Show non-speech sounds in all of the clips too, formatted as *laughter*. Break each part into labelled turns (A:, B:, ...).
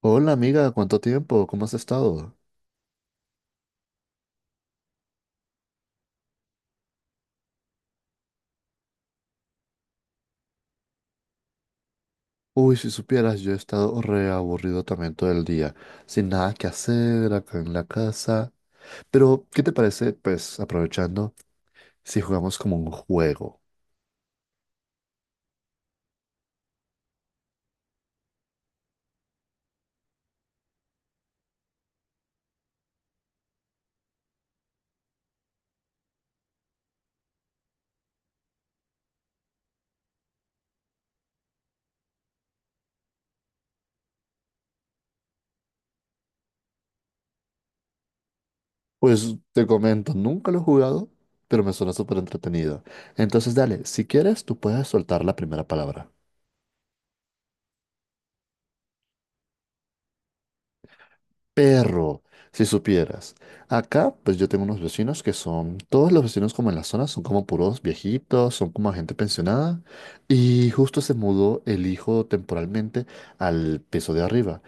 A: Hola amiga, ¿cuánto tiempo? ¿Cómo has estado? Uy, si supieras, yo he estado re aburrido también todo el día, sin nada que hacer acá en la casa. Pero, ¿qué te parece? Pues aprovechando, si jugamos como un juego. Pues te comento, nunca lo he jugado, pero me suena súper entretenido. Entonces, dale, si quieres, tú puedes soltar la primera palabra. Perro, si supieras. Acá, pues yo tengo unos vecinos que todos los vecinos como en la zona son como puros viejitos, son como gente pensionada. Y justo se mudó el hijo temporalmente al piso de arriba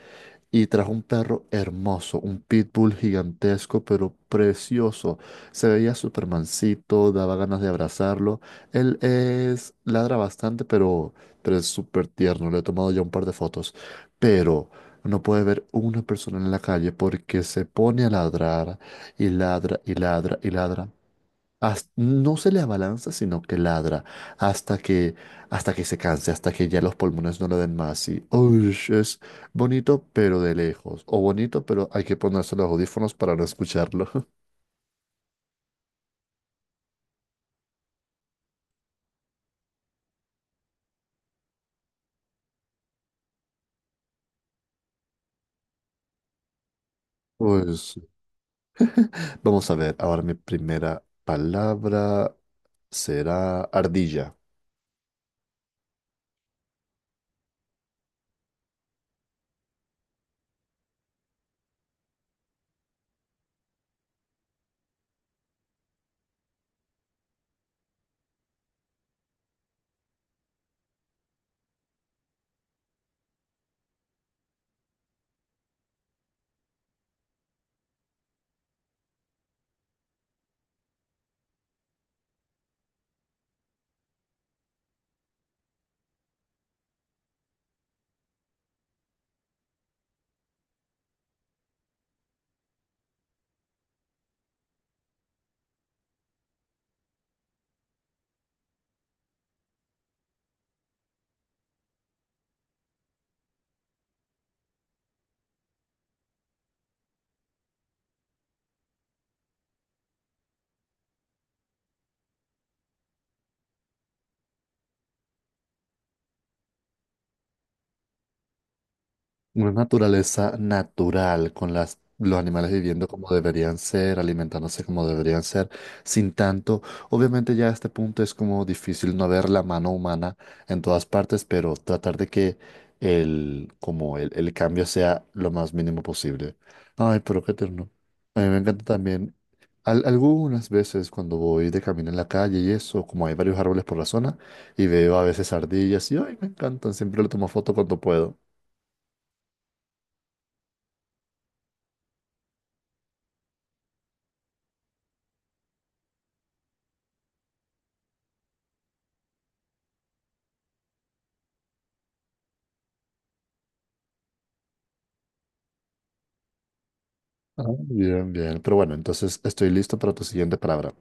A: y trajo un perro hermoso, un pitbull gigantesco, pero precioso. Se veía Supermancito, daba ganas de abrazarlo. Él ladra bastante, pero es súper tierno. Le he tomado ya un par de fotos. Pero no puede ver una persona en la calle porque se pone a ladrar y ladra y ladra y ladra. No se le abalanza, sino que ladra hasta que, hasta que se canse, hasta que ya los pulmones no lo den más. Y "Ush", es bonito, pero de lejos. O bonito, pero hay que ponerse los audífonos para no escucharlo. *laughs* Pues vamos a ver. Ahora mi primera palabra será ardilla. Una naturaleza natural, con los animales viviendo como deberían ser, alimentándose como deberían ser, sin tanto. Obviamente ya a este punto es como difícil no ver la mano humana en todas partes, pero tratar de que el cambio sea lo más mínimo posible. Ay, pero qué tierno. A mí me encanta también. Algunas veces cuando voy de camino en la calle y eso, como hay varios árboles por la zona, y veo a veces ardillas y, ay, me encantan, siempre le tomo foto cuando puedo. Ah, bien, bien. Pero bueno, entonces estoy listo para tu siguiente palabra.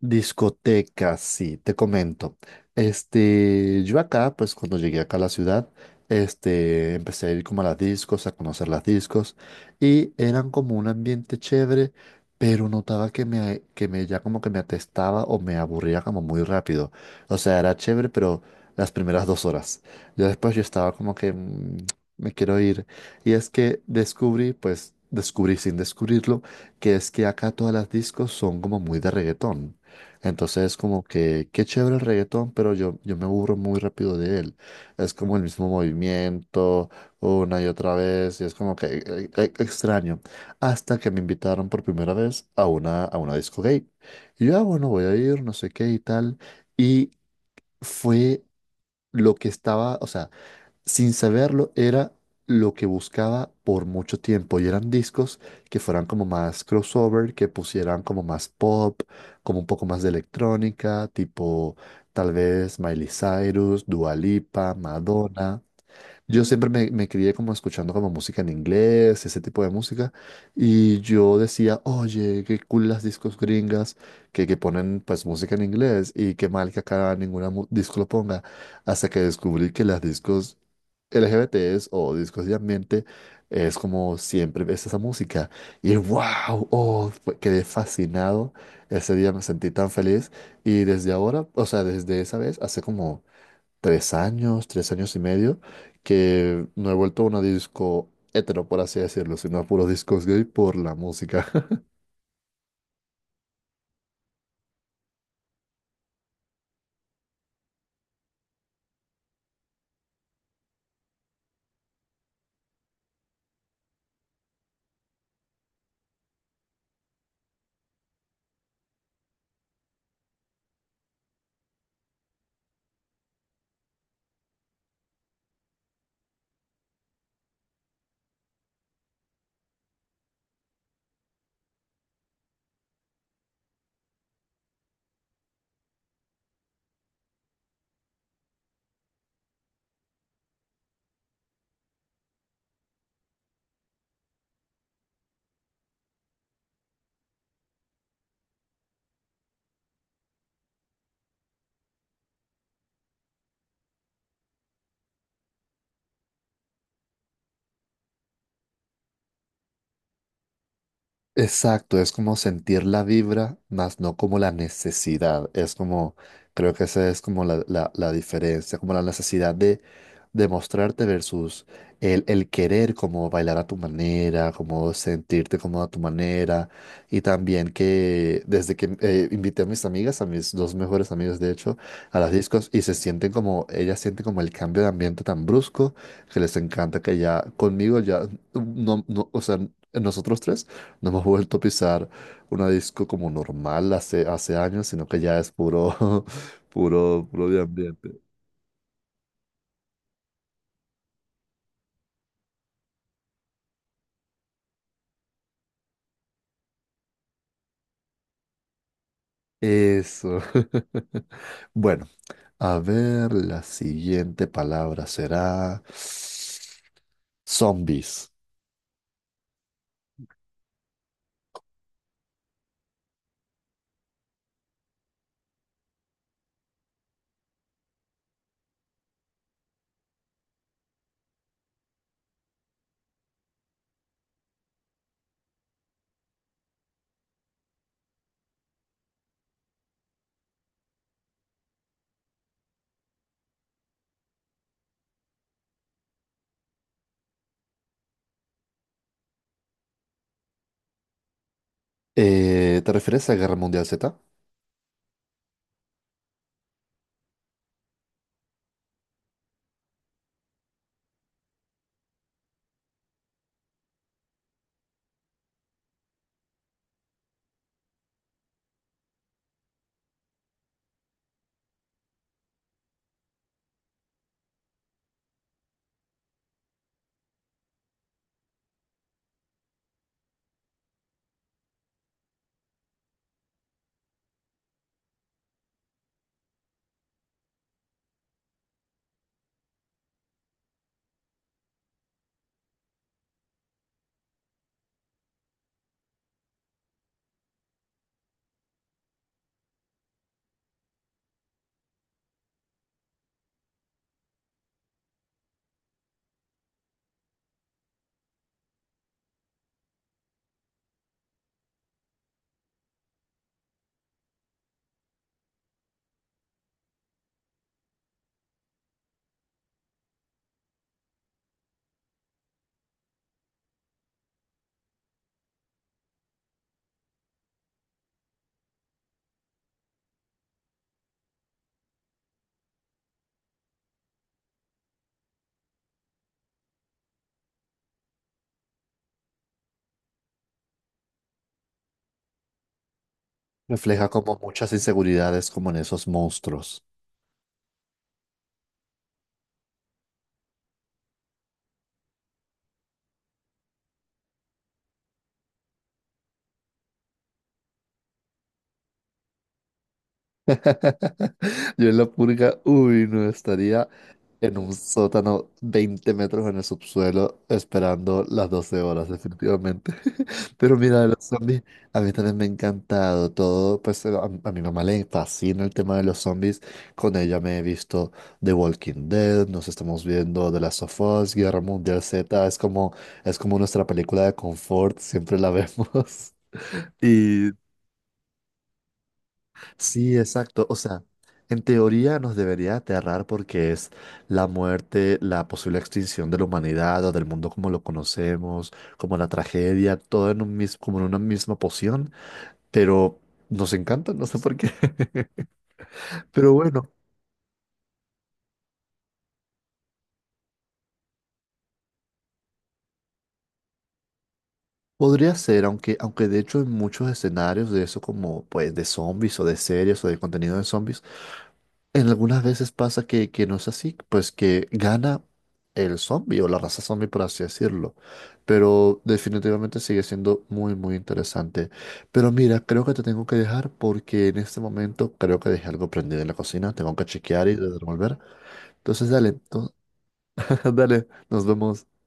A: Discotecas, sí, te comento. Este, yo acá, pues cuando llegué acá a la ciudad, este, empecé a ir como a las discos, a conocer las discos, y eran como un ambiente chévere, pero notaba que me ya como que me atestaba o me aburría como muy rápido. O sea, era chévere, pero las primeras 2 horas. Ya después yo estaba como que "Mm, me quiero ir". Y es que descubrí, pues descubrí sin descubrirlo, que es que acá todas las discos son como muy de reggaetón. Entonces es como que, qué chévere el reggaetón, pero yo me aburro muy rápido de él. Es como el mismo movimiento, una y otra vez, y es como que extraño. Hasta que me invitaron por primera vez a a una disco gay. Y yo, ah, bueno, voy a ir, no sé qué y tal. Y fue lo que estaba, o sea sin saberlo, era lo que buscaba por mucho tiempo y eran discos que fueran como más crossover, que pusieran como más pop, como un poco más de electrónica, tipo tal vez Miley Cyrus, Dua Lipa, Madonna. Yo siempre me crié como escuchando como música en inglés, ese tipo de música, y yo decía, oye, qué cool las discos gringas que ponen pues música en inglés y qué mal que acá ninguna disco lo ponga, hasta que descubrí que las discos LGBTs o discos de ambiente es como siempre ves esa música y wow, oh, quedé fascinado, ese día me sentí tan feliz y desde ahora, o sea, desde esa vez, hace como 3 años, 3 años y medio, que no he vuelto a una disco hetero, por así decirlo, sino a puros discos gay por la música. *laughs* Exacto, es como sentir la vibra, más no como la necesidad. Es como, creo que esa es como la diferencia, como la necesidad de demostrarte versus el querer como bailar a tu manera, como sentirte como a tu manera. Y también que desde que invité a mis amigas, a mis dos mejores amigas de hecho, a las discos y se sienten como, ellas sienten como el cambio de ambiente tan brusco que les encanta que ya conmigo ya, no, no, o sea, nosotros tres no hemos vuelto a pisar una disco como normal hace años, sino que ya es puro, *laughs* puro, puro de ambiente. Eso. *laughs* Bueno, a ver, la siguiente palabra será zombies. ¿Te refieres a Guerra Mundial Z? Refleja como muchas inseguridades como en esos monstruos. *laughs* Yo en la purga, uy, no estaría en un sótano 20 metros en el subsuelo esperando las 12 horas, definitivamente. *laughs* Pero mira, los zombies, a mí también me ha encantado todo, pues a, mi mamá le fascina el tema de los zombies, con ella me he visto The Walking Dead, nos estamos viendo The Last of Us, Guerra Mundial Z, es como nuestra película de confort, siempre la vemos. *laughs* Y Sí, exacto. O sea, en teoría nos debería aterrar porque es la muerte, la posible extinción de la humanidad o del mundo como lo conocemos, como la tragedia, todo en un como en una misma poción, pero nos encanta, no sé por qué. *laughs* Pero bueno, podría ser, aunque de hecho en muchos escenarios de eso como pues de zombies o de series o de contenido de zombies, en algunas veces pasa que no es así, pues que gana el zombie o la raza zombie, por así decirlo. Pero definitivamente sigue siendo muy, muy interesante. Pero mira, creo que te tengo que dejar porque en este momento creo que dejé algo prendido en la cocina. Tengo que chequear y devolver. Entonces, dale, *laughs* dale, nos vemos.